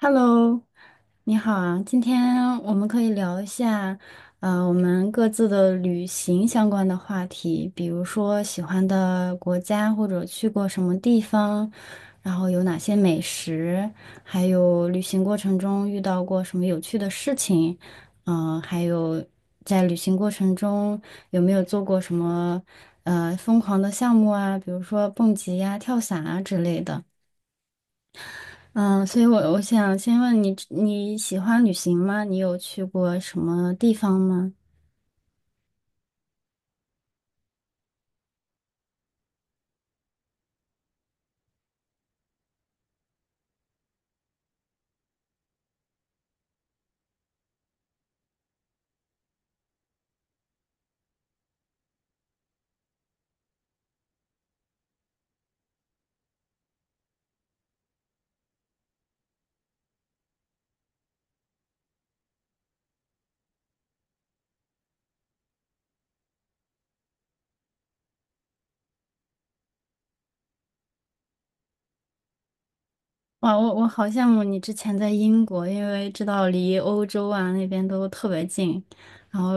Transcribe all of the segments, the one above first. Hello，你好啊，今天我们可以聊一下，我们各自的旅行相关的话题，比如说喜欢的国家或者去过什么地方，然后有哪些美食，还有旅行过程中遇到过什么有趣的事情，嗯、还有在旅行过程中有没有做过什么疯狂的项目啊，比如说蹦极呀、跳伞啊之类的。嗯，所以我想先问你，你喜欢旅行吗？你有去过什么地方吗？哇，我好羡慕你之前在英国，因为知道离欧洲啊那边都特别近，然后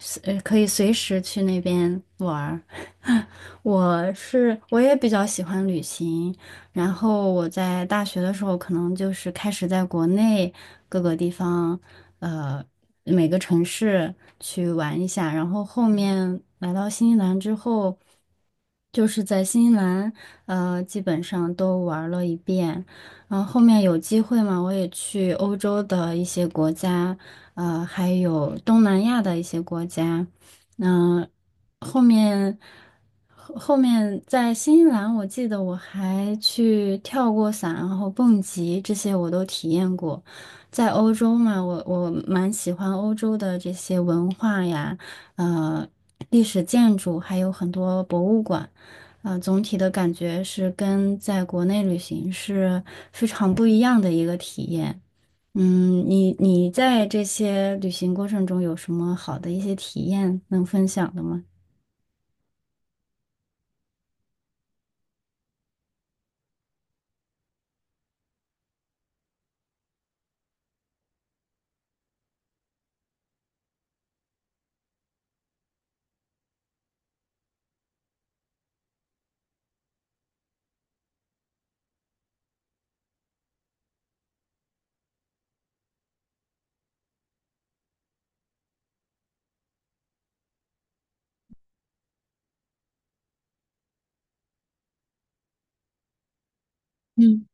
可以随时去那边玩儿。我也比较喜欢旅行，然后我在大学的时候可能就是开始在国内各个地方，呃每个城市去玩一下，然后后面来到新西兰之后，就是在新西兰基本上都玩了一遍。然后后面有机会嘛，我也去欧洲的一些国家，呃，还有东南亚的一些国家。那、后面后面在新西兰，我记得我还去跳过伞，然后蹦极这些我都体验过。在欧洲嘛，我蛮喜欢欧洲的这些文化呀，呃，历史建筑，还有很多博物馆。啊，总体的感觉是跟在国内旅行是非常不一样的一个体验。嗯，你在这些旅行过程中有什么好的一些体验能分享的吗？嗯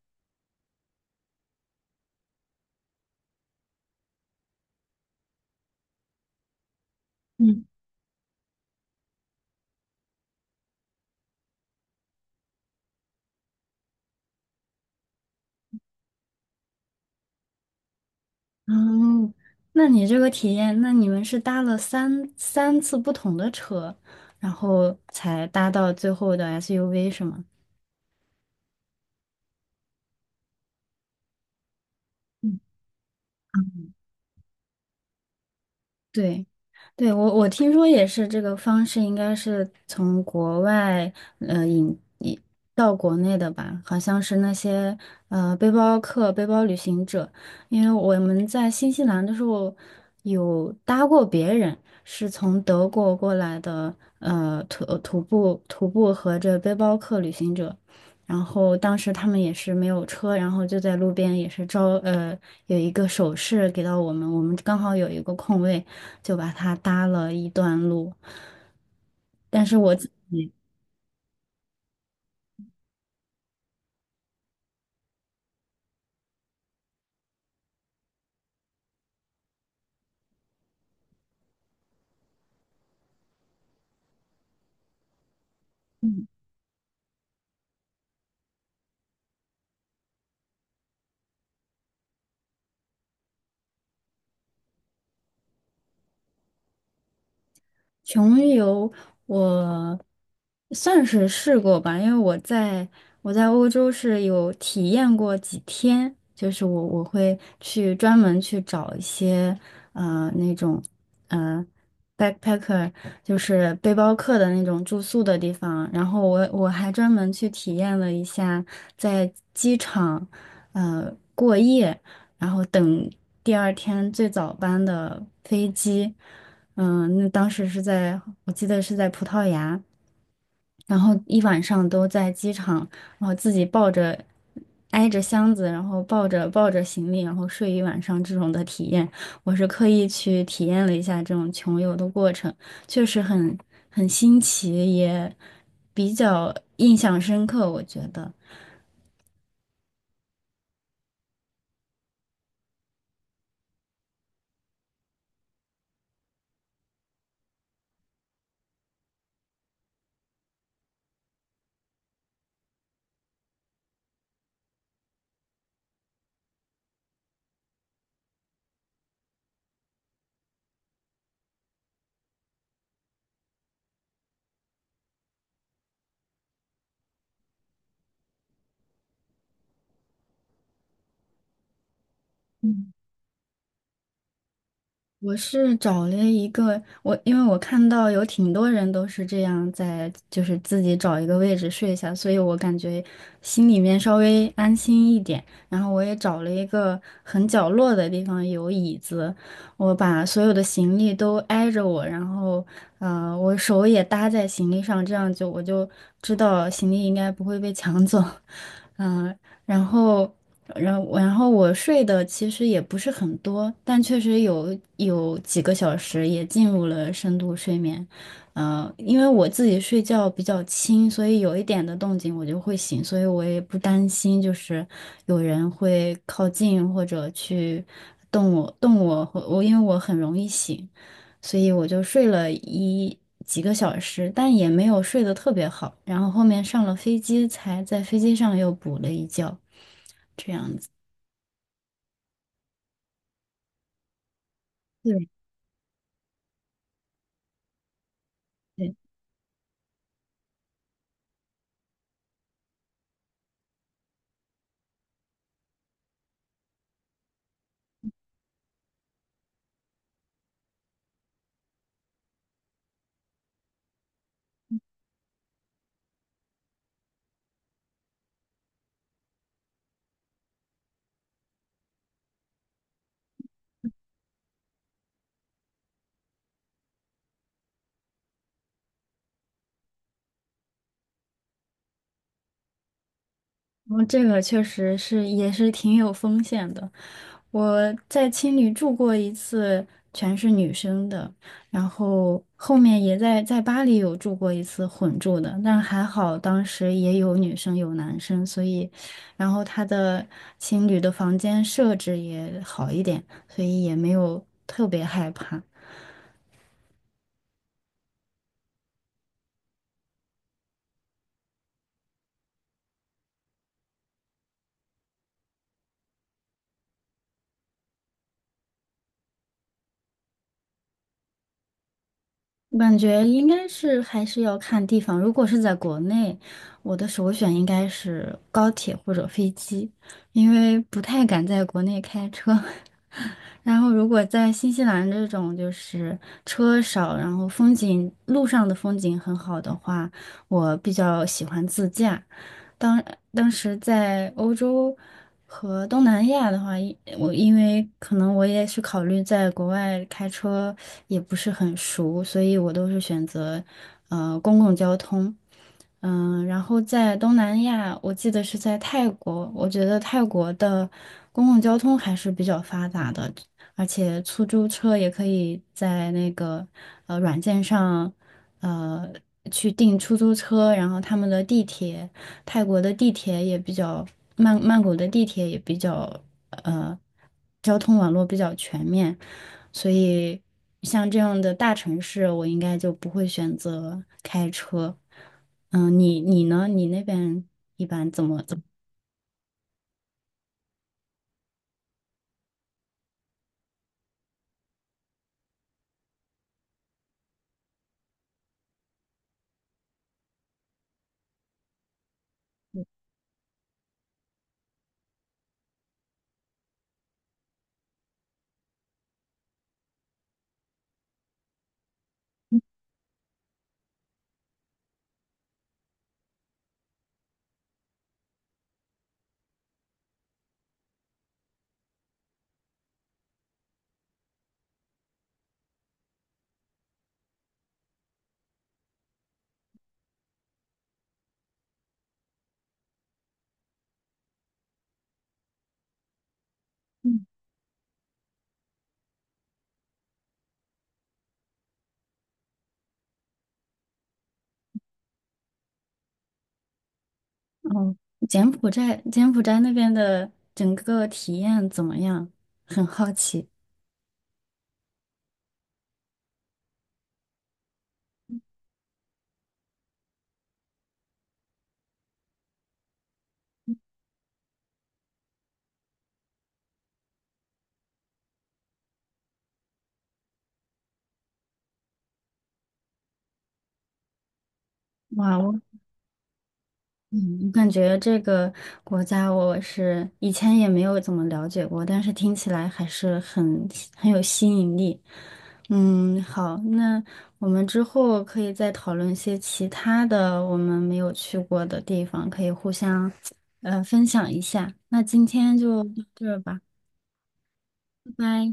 嗯，哦，那你这个体验，那你们是搭了三次不同的车，然后才搭到最后的 SUV 是吗？对，对，我听说也是这个方式，应该是从国外呃引引到国内的吧？好像是那些背包客、背包旅行者，因为我们在新西兰的时候有搭过别人，是从德国过来的徒步和这背包客旅行者，然后当时他们也是没有车，然后就在路边也是有一个手势给到我们，我们刚好有一个空位，就把它搭了一段路。但是我自穷游我算是试过吧，因为我在欧洲是有体验过几天，就是我会去专门去找一些呃那种呃 backpacker，就是背包客的那种住宿的地方，然后我还专门去体验了一下在机场过夜，然后等第二天最早班的飞机。嗯，那当时是在，我记得是在葡萄牙，然后一晚上都在机场，然后自己抱着，挨着箱子，然后抱着行李，然后睡一晚上这种的体验，我是刻意去体验了一下这种穷游的过程，确实很新奇，也比较印象深刻，我觉得。我是找了一个因为我看到有挺多人都是这样在，就是自己找一个位置睡下，所以我感觉心里面稍微安心一点。然后我也找了一个很角落的地方，有椅子，我把所有的行李都挨着我，然后我手也搭在行李上，这样我就知道行李应该不会被抢走，嗯、然后。然后我睡的其实也不是很多，但确实有几个小时也进入了深度睡眠。呃，因为我自己睡觉比较轻，所以有一点的动静我就会醒，所以我也不担心就是有人会靠近或者去动我，因为我很容易醒，所以我就睡了一几个小时，但也没有睡得特别好。然后后面上了飞机才在飞机上又补了一觉。对。对，然后这个确实是也是挺有风险的。我在青旅住过一次，全是女生的，然后后面也在巴黎有住过一次混住的，但还好当时也有女生有男生，所以，然后他的青旅的房间设置也好一点，所以也没有特别害怕。我感觉应该是还是要看地方。如果是在国内，我的首选应该是高铁或者飞机，因为不太敢在国内开车。然后如果在新西兰这种就是车少，然后路上的风景很好的话，我比较喜欢自驾。当当时在欧洲和东南亚的话，因为可能我也是考虑在国外开车也不是很熟，所以我都是选择公共交通。嗯，然后在东南亚，我记得是在泰国，我觉得泰国的公共交通还是比较发达的，而且出租车也可以在那个软件上，呃去订出租车，然后他们的地铁，泰国的地铁也比较，曼谷的地铁也比较，呃，交通网络比较全面，所以像这样的大城市，我应该就不会选择开车。嗯，你呢？你那边怎么？哦，柬埔寨那边的整个体验怎么样？很好奇。哇，我嗯，我感觉这个国家我是以前也没有怎么了解过，但是听起来还是很有吸引力。嗯，好，那我们之后可以再讨论一些其他的我们没有去过的地方，可以互相分享一下。那今天就到这儿吧，拜拜。